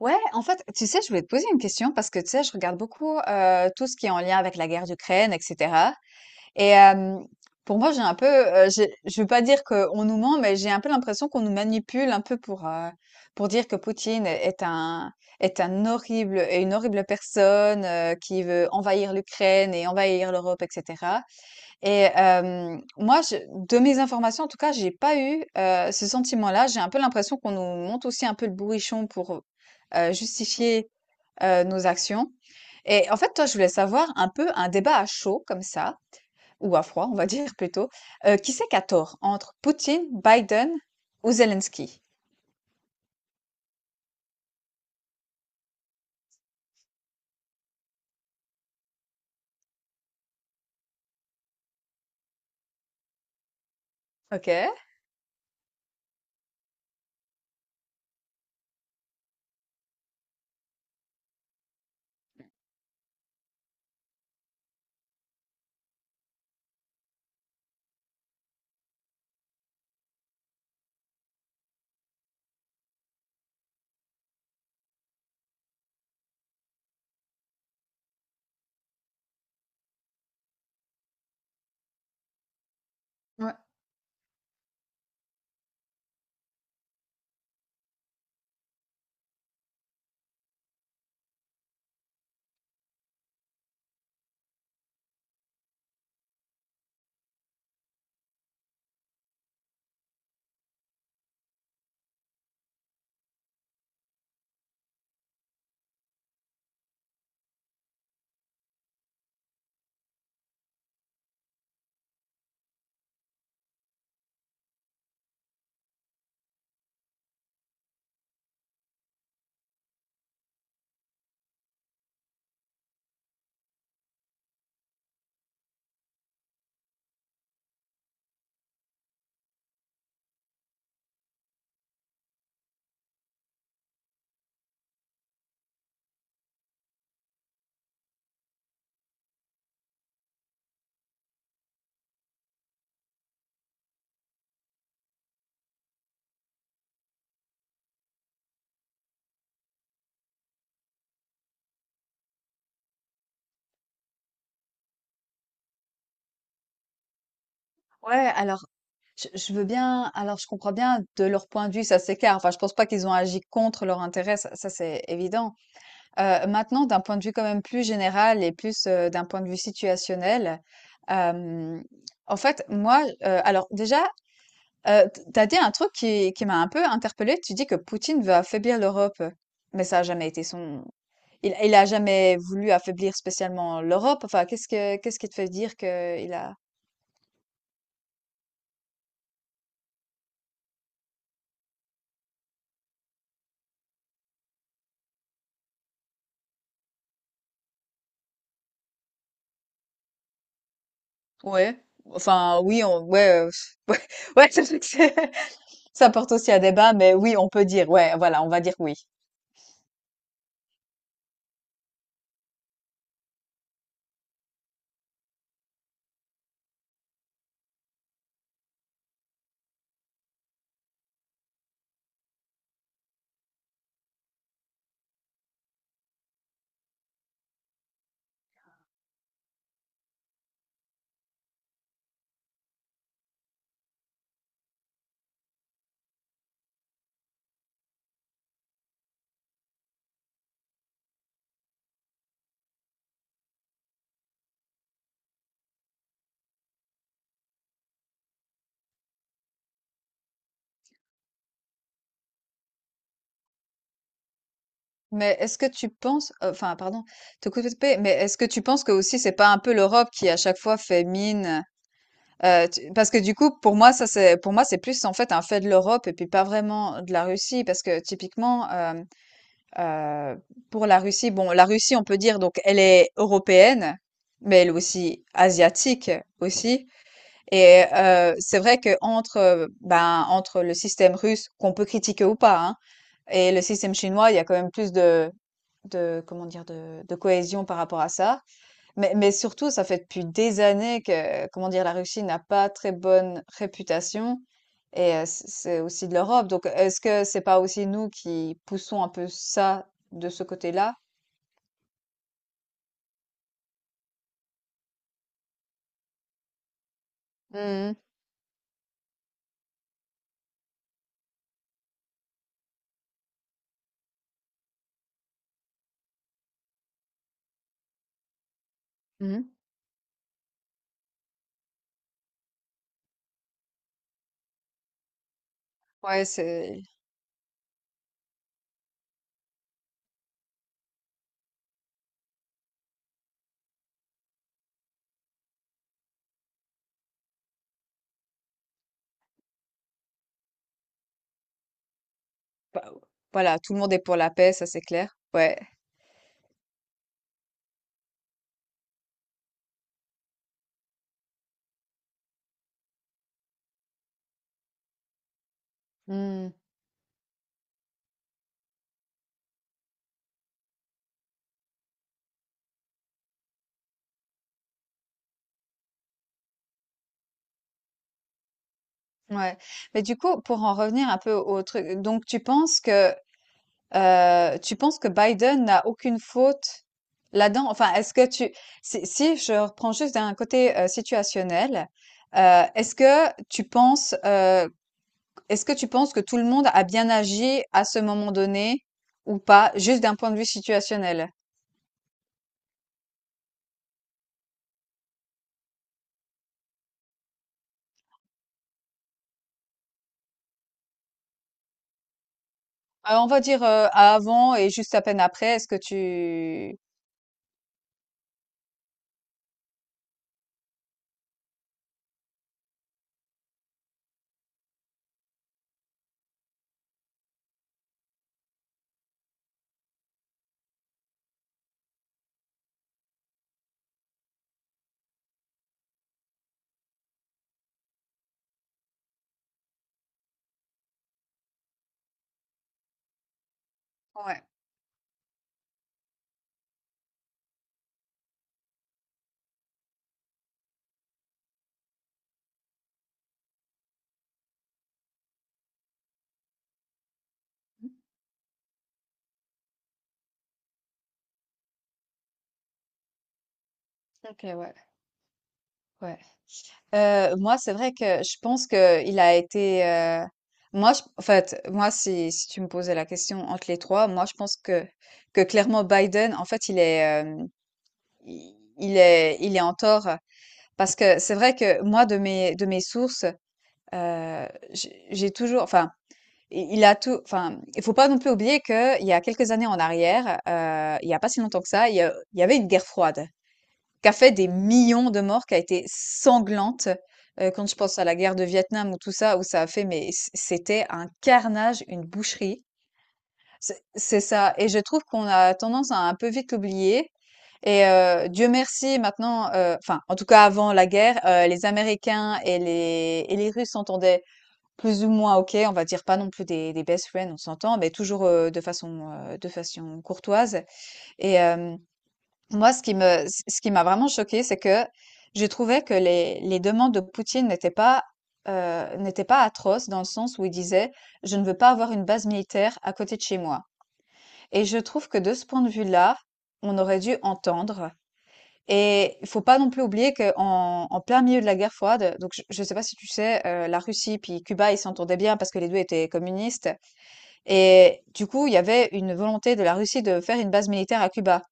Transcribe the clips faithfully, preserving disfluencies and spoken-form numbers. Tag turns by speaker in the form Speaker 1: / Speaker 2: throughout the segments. Speaker 1: Ouais, en fait, tu sais, je voulais te poser une question parce que tu sais, je regarde beaucoup euh, tout ce qui est en lien avec la guerre d'Ukraine, et cetera. Et euh, pour moi, j'ai un peu, euh, j'ai- je veux pas dire qu'on nous ment, mais j'ai un peu l'impression qu'on nous manipule un peu pour euh, pour dire que Poutine est un est un horrible est une horrible personne euh, qui veut envahir l'Ukraine et envahir l'Europe, et cetera. Et hem, moi, je de mes informations, en tout cas, j'ai pas eu, heu, ce sentiment-là. J'ai un peu l'impression qu'on nous monte aussi un peu le bourrichon pour, heu, justifier, heu, nos actions. Et en fait, toi, je voulais savoir un peu un débat à chaud comme ça, ou à froid, on va dire plutôt. Heu, qui c'est qui a tort entre Poutine, Biden ou Zelensky? OK. Ouais. Ouais, alors, je je veux bien alors, je comprends bien de leur point de vue, ça s'écarte. Enfin, je pense pas qu'ils ont agi contre leur intérêt, ça ça c'est évident. Heu, maintenant d'un point de vue quand même plus général et plus, heu, d'un point de vue situationnel, hem, en fait, moi, heu, alors déjà, heu, t tu dit un truc qui qui m'a un peu interpellée. Tu dis que Poutine veut affaiblir l'Europe, mais ça a jamais été son il il a jamais voulu affaiblir spécialement l'Europe. Enfin, qu'est-ce que qu'est-ce qui te fait dire que il a Ouais. Enfin, oui, on, ouais, euh, ouais, ouais, c'est vrai que c'est- ça porte aussi à débat, mais oui, on peut dire, ouais, voilà, on va dire oui. Mais est-ce que tu penses, euh, enfin, pardon, te couper, mais est-ce que tu penses que aussi c'est pas un peu l'Europe qui à chaque fois fait mine, euh, tu- parce que du coup, pour moi, ça c'est, pour moi, c'est plus en fait un fait de l'Europe et puis pas vraiment de la Russie, parce que typiquement, euh, Euh, pour la Russie, bon, la Russie, on peut dire, donc, elle est européenne, mais elle est aussi asiatique aussi. Et euh, c'est vrai que entre, euh, ben, entre le système russe, qu'on peut critiquer ou pas, hein, et le système chinois, il y a quand même plus de, de comment dire, de, de cohésion par rapport à ça. Mais mais surtout, ça fait depuis des années que, comment dire, la Russie n'a pas très bonne réputation et heu, c c'est aussi de l'Europe. Donc est-ce que c'est pas aussi nous qui poussons un peu ça, de ce côté-là? Mmh mh. Mmh Ouais, c'est bah, voilà, tout le monde est pour la paix, ça, c'est clair. Ouais. Mmh. Ouais. Mais du coup, pour en revenir un peu au truc, donc tu penses que Heu, tu penses que Biden n'a aucune faute là-dedans? Enfin, est-ce que tu si si je reprends juste d'un côté, heu, situationnel, heu, est-ce que tu penses, heu, est-ce que tu penses que tout le monde a bien agi à ce moment donné ou pas, juste d'un point de vue situationnel? Heu, on va dire, heu, avant et juste à peine après, est-ce que tu Ouais, OK, ouais, ouais. Euh, moi, c'est vrai que je pense que il a été. euh, Moi, je- en fait, moi, si, si tu me posais la question entre les trois, moi, je pense que que clairement Biden, en fait, il est euh, il il est il est en tort parce que c'est vrai que moi, de mes de mes sources, euh, j'ai j'ai toujours, enfin, i- il a tout, enfin, il faut pas non plus oublier que il y a quelques années en arrière, euh, il y a pas si longtemps que ça, il y a- il y avait une guerre froide qui a fait des millions de morts, qui a été sanglante. Euh, quand je pense à la guerre de Vietnam ou tout ça, où ça a fait, mais c- c'était un carnage, une boucherie. C'est c'est ça. Et je trouve qu'on a tendance à un peu vite l'oublier. Et euh, Dieu merci, maintenant, euh, enfin, en tout cas avant la guerre, euh, les Américains et les, et les Russes s'entendaient plus ou moins ok. On va dire pas non plus des, des best friends, on s'entend, mais toujours euh, de façon, euh, de façon courtoise. Et, euh, moi, ce qui me, ce qui m'a vraiment choquée, c'est que j'ai trouvé que les, les demandes de Poutine n'étaient pas, euh, n'étaient pas atroces dans le sens où il disait, je ne veux pas avoir une base militaire à côté de chez moi. Et je trouve que de ce point de vue-là, on aurait dû entendre. Et il faut pas non plus oublier qu'en en plein milieu de la guerre froide, donc je ne sais pas si tu sais, euh, la Russie puis Cuba, ils s'entendaient bien parce que les deux étaient communistes. Et du coup, il y avait une volonté de la Russie de faire une base militaire à Cuba.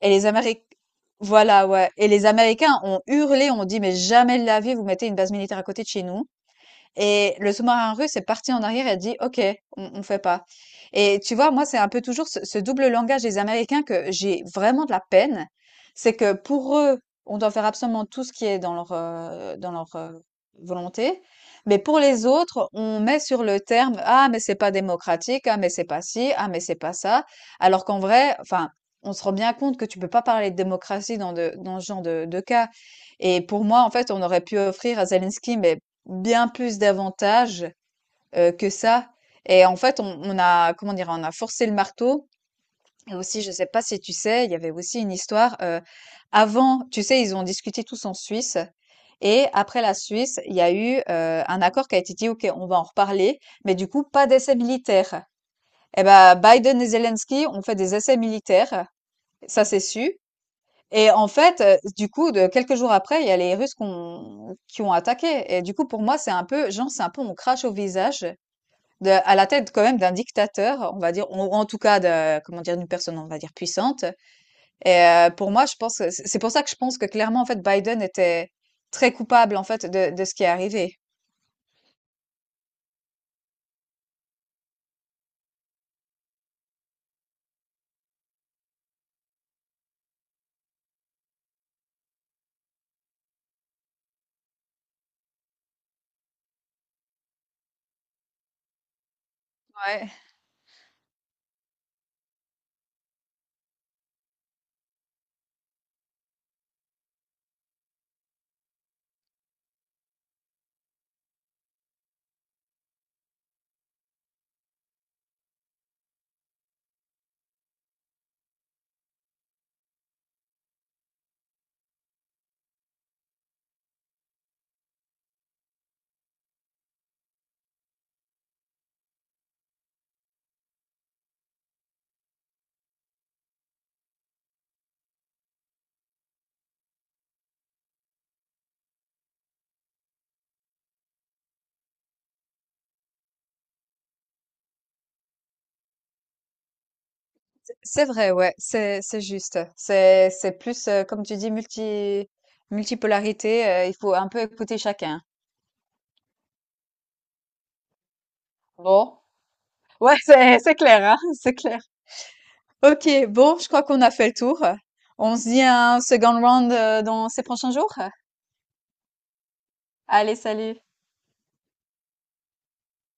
Speaker 1: Et les Améric voilà, ouais. Et les Américains ont hurlé, ont dit: «Mais jamais de la vie, vous mettez une base militaire à côté de chez nous». Et le sous-marin russe est parti en arrière et a dit, OK, on, on fait pas. Et tu vois, moi, c'est un peu toujours ce, ce double langage des Américains que j'ai vraiment de la peine. C'est que pour eux, on doit faire absolument tout ce qui est dans leur, euh, dans leur euh, volonté. Mais pour les autres, on met sur le terme, ah, mais c'est pas démocratique, ah, mais c'est pas ci, ah, mais c'est pas ça. Alors qu'en vrai, enfin, on se rend bien compte que tu peux pas parler de démocratie dans, de, dans ce genre de, de cas. Et pour moi, en fait, on aurait pu offrir à Zelensky, mais bien plus d'avantages, heu, que ça et en fait, on on a comment dire? On a forcé le marteau et aussi, je sais pas si tu sais, il y avait aussi une histoire, heu, avant tu sais, ils ont discuté tous en Suisse et après la Suisse, il y a eu, heu, un accord qui a été dit: «OK, on va en reparler, mais du coup, pas d'essais militaires». Et ben, Biden et Zelensky ont fait des essais militaires, ça c'est sûr et en fait, heu, du coup, de quelques jours après, il y a les Russes qu'on qui ont attaqué et du coup, pour moi, c'est un peu genre, c'est un peu on crache au visage de à la tête quand même d'un dictateur, on va dire, ou en tout cas de comment dire? D'une personne, on va dire, puissante et heu, pour moi, je pense, heu, c'est c'est pour ça que je pense que clairement, en fait, Biden était très coupable, en fait, de de ce qui est arrivé. Ouais, c'est vrai, ouais, c'est c'est juste. C'est c'est plus euh, comme tu dis multi multipolarité, euh, il faut un peu écouter chacun. Bon, ouais, c'est c'est clair, hein, c'est clair. OK, bon, je crois qu'on a fait le tour. On se dit un second round euh, dans ces prochains jours. Allez, salut.